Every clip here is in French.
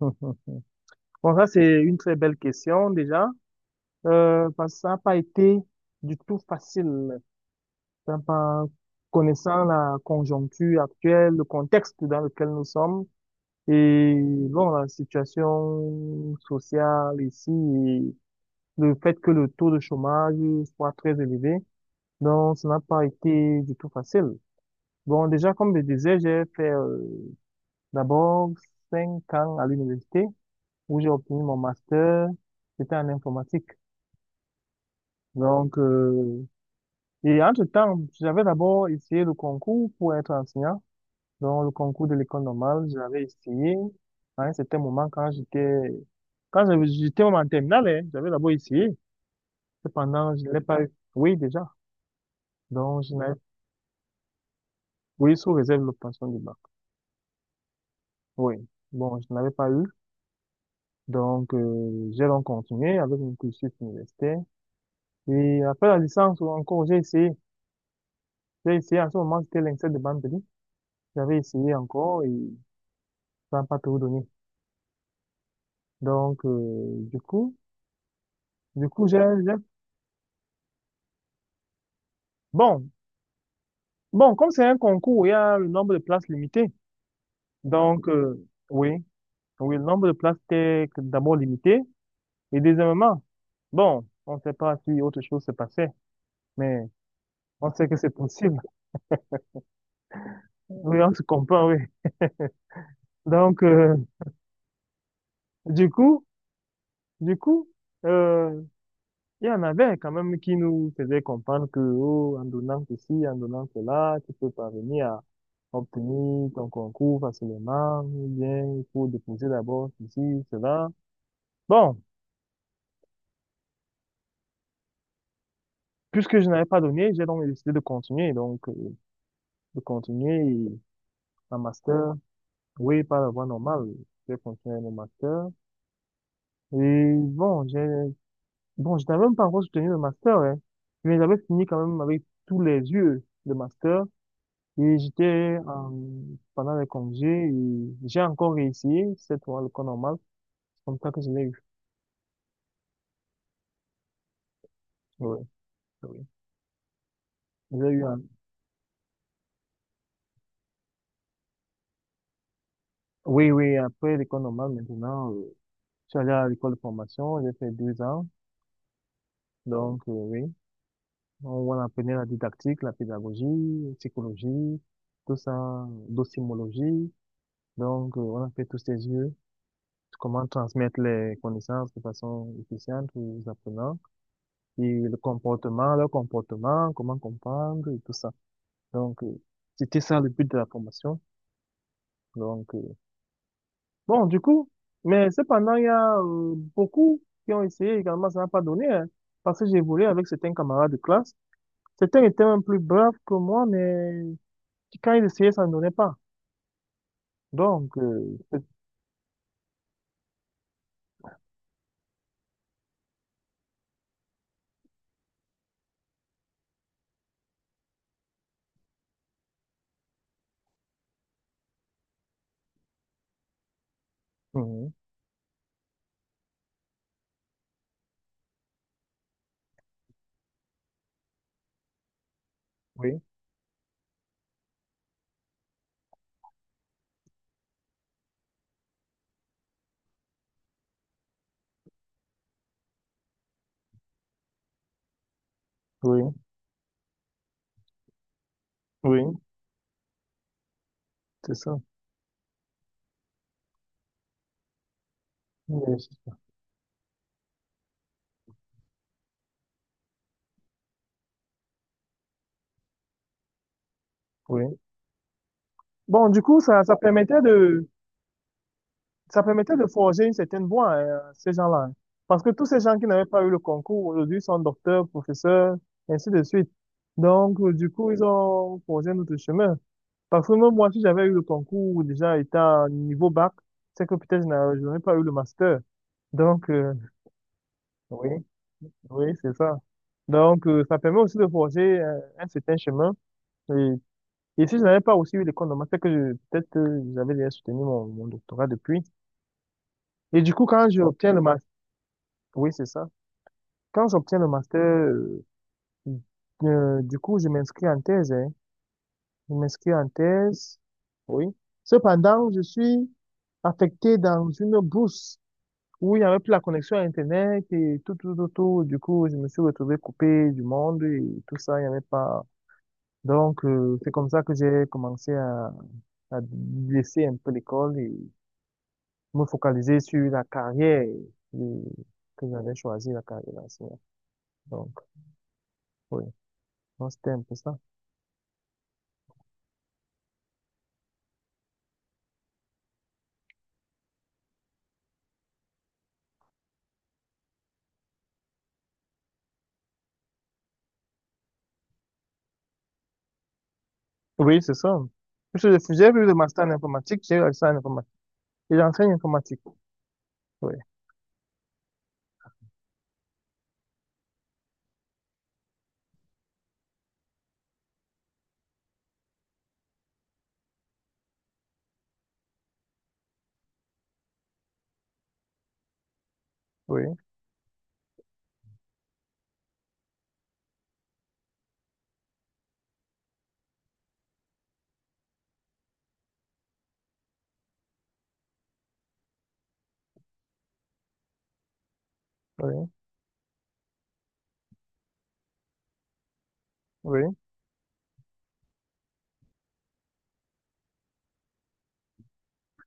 Hum. Bon, ça, c'est une très belle question déjà, parce que ça n'a pas été du tout facile. Enfin, connaissant la conjoncture actuelle, le contexte dans lequel nous sommes et bon, la situation sociale ici, le fait que le taux de chômage soit très élevé. Donc, ça n'a pas été du tout facile. Bon, déjà, comme je disais, j'ai fait d'abord 5 ans à l'université où j'ai obtenu mon master. C'était en informatique. Donc, et entre-temps, j'avais d'abord essayé le concours pour être enseignant. Donc, le concours de l'école normale, j'avais essayé. Hein, c'était un moment quand j'étais même en terminale, hein, j'avais d'abord essayé. Cependant, je ne l'ai pas eu. Oui, déjà. Donc, je n'avais Oui, sous réserve de l'obtention du bac. Oui. Bon, je n'avais pas eu. Donc, j'ai donc continué avec mon cursus universitaire. Et après la licence, encore, j'ai essayé. J'ai essayé, à ce moment, c'était l'INSEAD de Bambéry. J'avais essayé encore et ça n'a pas tout donné. Donc, du coup, j'ai- Bon, bon, comme c'est un concours, il y a le nombre de places limitées. Donc, oui, oui, le nombre de places était d'abord limité. Et deuxièmement, bon, on ne sait pas si autre chose se passait, mais on sait que c'est possible. Oui, on se comprend, oui. Donc, du coup, du coup, euh, il y en avait quand même qui nous faisaient comprendre que, oh, en donnant ceci, en donnant cela, tu peux parvenir à obtenir ton concours facilement, ou bien il faut déposer d'abord ceci, cela. Bon, puisque je n'avais pas donné, j'ai donc décidé de continuer, donc, de continuer un master, oui, par la voie normale, j'ai continué mon master. Et bon, je n'avais même pas encore soutenu le master, hein. Mais j'avais fini quand même avec tous les yeux le master. Et pendant les congés, et j'ai encore réessayé cette fois l'école normale. C'est comme ça que je l'ai eu. Oui, oui. j'ai eu en- Oui, oui, après l'école normale, maintenant, je suis allé à l'école de formation, j'ai fait 2 ans. Donc, oui, on apprenait la didactique, la pédagogie, psychologie, tout ça, docimologie. Donc, on a fait tous ces yeux. Comment transmettre les connaissances de façon efficiente aux apprenants et le comportement, leur comportement, comment comprendre et tout ça. Donc, c'était ça le but de la formation. Donc, bon, du coup, mais cependant, il y a beaucoup qui ont essayé également, ça n'a pas donné, hein, parce que j'ai évolué avec certains camarades de classe. Certains étaient même plus braves que moi, mais quand ils essayaient, ça ne donnait pas. Donc, mhm, oui, oui, oui, c'est ça. Oui. Oui. Bon, du coup, ça permettait de forger une certaine voie, hein, à ces gens-là. Parce que tous ces gens qui n'avaient pas eu le concours aujourd'hui sont docteurs, professeurs, ainsi de suite. Donc, du coup, ils ont forgé un autre chemin. Parce que même moi, si j'avais eu le concours déjà étant niveau bac, c'est que peut-être je n'aurais pas eu le master. Donc, oui, oui, c'est ça. Donc, ça permet aussi de forger un certain chemin. Et, et si je n'avais pas aussi eu l'école de master, peut-être j'avais déjà soutenu mon doctorat depuis. Et du coup, quand j'obtiens le master, oui, c'est ça. Quand j'obtiens le master, du coup, je m'inscris en thèse, hein. Je m'inscris en thèse, oui. Cependant, je suis affecté dans une bourse où il n'y avait plus la connexion à Internet et tout, tout, tout, tout. Du coup, je me suis retrouvé coupé du monde et tout ça, il n'y avait pas. Donc, c'est comme ça que j'ai commencé à, à laisser un peu l'école et me focaliser sur la carrière euh, que j'avais choisi, la carrière d'enseignant. Donc, oui. Donc, c'était un peu ça. Oui, c'est ça. Plus je fais- Plus de master en informatique, j'ai eu le master en informatique. Et j'enseigne informatique. Oui, oui, oui, oui.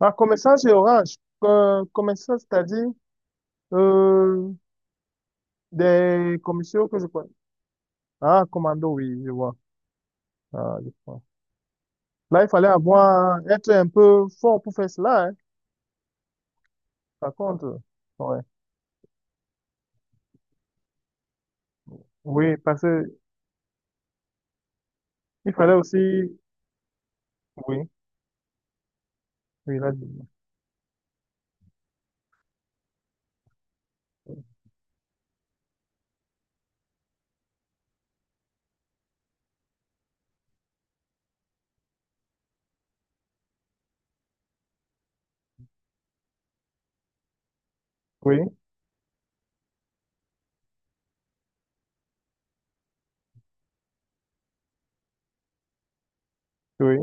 Ah, commerçant chez Orange, commerçant, c'est-à-dire euh, des commissions que je connais. Ah, commando, oui, je vois. Ah, je vois. Là, il fallait avoir, être un peu fort pour faire cela, hein. Par contre, ouais. Oui, parce que il fallait aussi, oui, oui, là, oui, oui.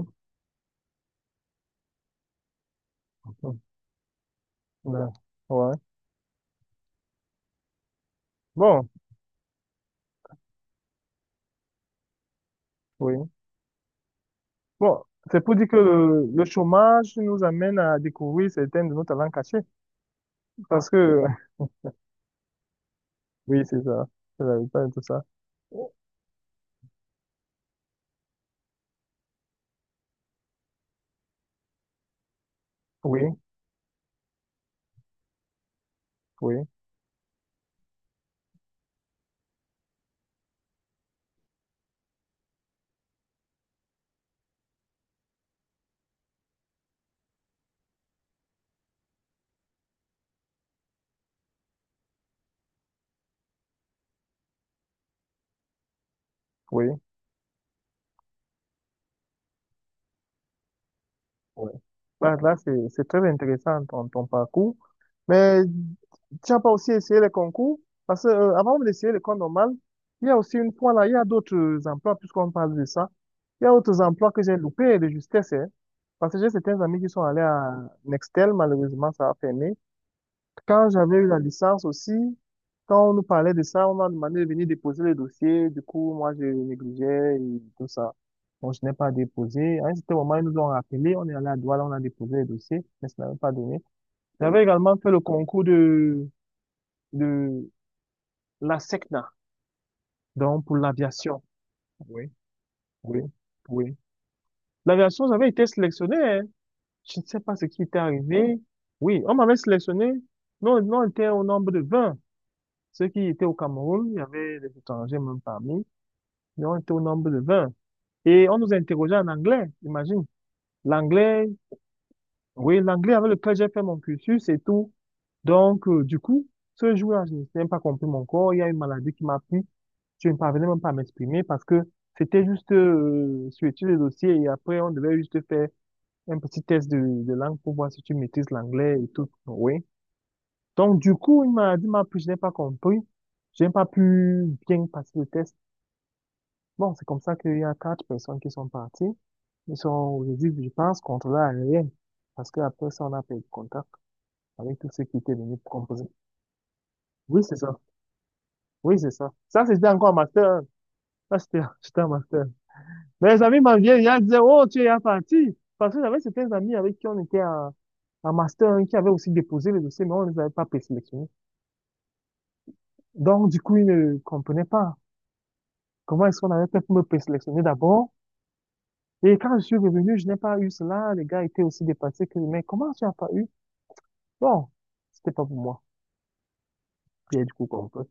Là, ouais. Bon, oui. Bon, c'est pour dire que le chômage nous amène à découvrir certains de nos talents cachés. Parce que, oui, c'est ça. C'est la vérité de tout ça. Oui, oui, oui. Ouais. Là, là, c'est très intéressant ton parcours. Mais tu n'as pas aussi essayé les concours? Parce que, avant d'essayer l'école normale, il y a aussi une fois là, il y a d'autres emplois, puisqu'on parle de ça. Il y a d'autres emplois que j'ai loupés de justesse, hein. Parce que j'ai certains amis qui sont allés à Nextel, malheureusement, ça a fermé. Quand j'avais eu la licence aussi, quand on nous parlait de ça, on m'a demandé de venir déposer le dossier. Du coup, moi, je négligeais et tout ça. Bon, je n'ai pas déposé. À un certain moment, ils nous ont rappelé. On est allé à Douala, on a déposé le dossier, mais ça n'avait pas donné. J'avais également fait le concours de la SECNA, donc pour l'aviation. Oui, oui, oui. L'aviation, j'avais été sélectionné, hein. Je ne sais pas ce qui était arrivé. Oui, on m'avait sélectionné. Nous, nous on était au nombre de 20. Ceux qui étaient au Cameroun, il y avait des étrangers même parmi, ils ont été au nombre de 20. Et on nous interrogeait en anglais, imagine. L'anglais, oui, l'anglais avec lequel j'ai fait mon cursus et tout. Donc, du coup, ce jour-là, je n'ai même pas compris mon corps. Il y a une maladie qui m'a pris. Je ne parvenais même pas à m'exprimer parce que c'était juste suivre le dossier et après, on devait juste faire un petit test de langue pour voir si tu maîtrises l'anglais et tout. Oui. Donc, du coup, une maladie m'a pris, je n'ai pas compris. Je n'ai pas pu bien passer le test. Bon, c'est comme ça qu'il y a quatre personnes qui sont parties. Ils sont, aujourd'hui, je pense, contrôlés à rien. Parce qu'après ça, on a perdu contact avec tous ceux qui étaient venus composer. Oui, c'est ça. Oui, c'est ça. Ça, c'était encore en master 1. Ça, c'était, c'était un master. Mes amis m'en viennent, ils disaient, oh, tu es parti. Parce que j'avais certains amis avec qui on était en master 1 qui avaient aussi déposé le dossier, mais on ne les avait pas présélectionnés. Donc, du coup, ils ne comprenaient pas comment est-ce qu'on avait fait pour me présélectionner d'abord. Et quand je suis revenu, je n'ai pas eu cela. Les gars étaient aussi dépassés que, mais comment tu n'as pas eu? Bon, c'était pas pour moi. Et du coup, comme ça.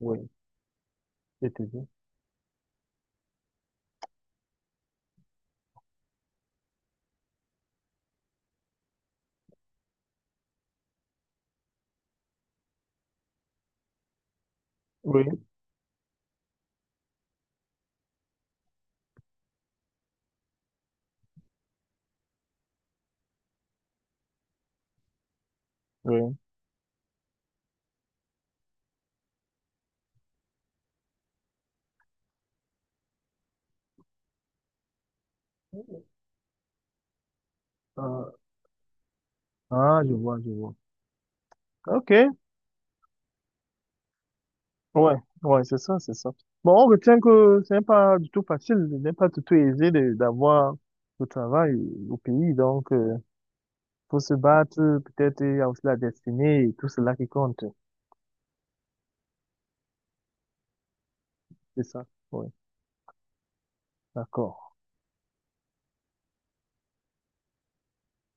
Oui, je te dis. Oui, oui. Ah, ah, je vois, je vois. OK. Ouais, ouais, c'est ça, c'est ça. Bon, on retient que ce n'est pas du tout facile, ce n'est pas du tout aisé d'avoir le travail au pays. Donc, faut se battre, peut-être, il y a aussi la destinée et tout cela qui compte. C'est ça. Oui, d'accord.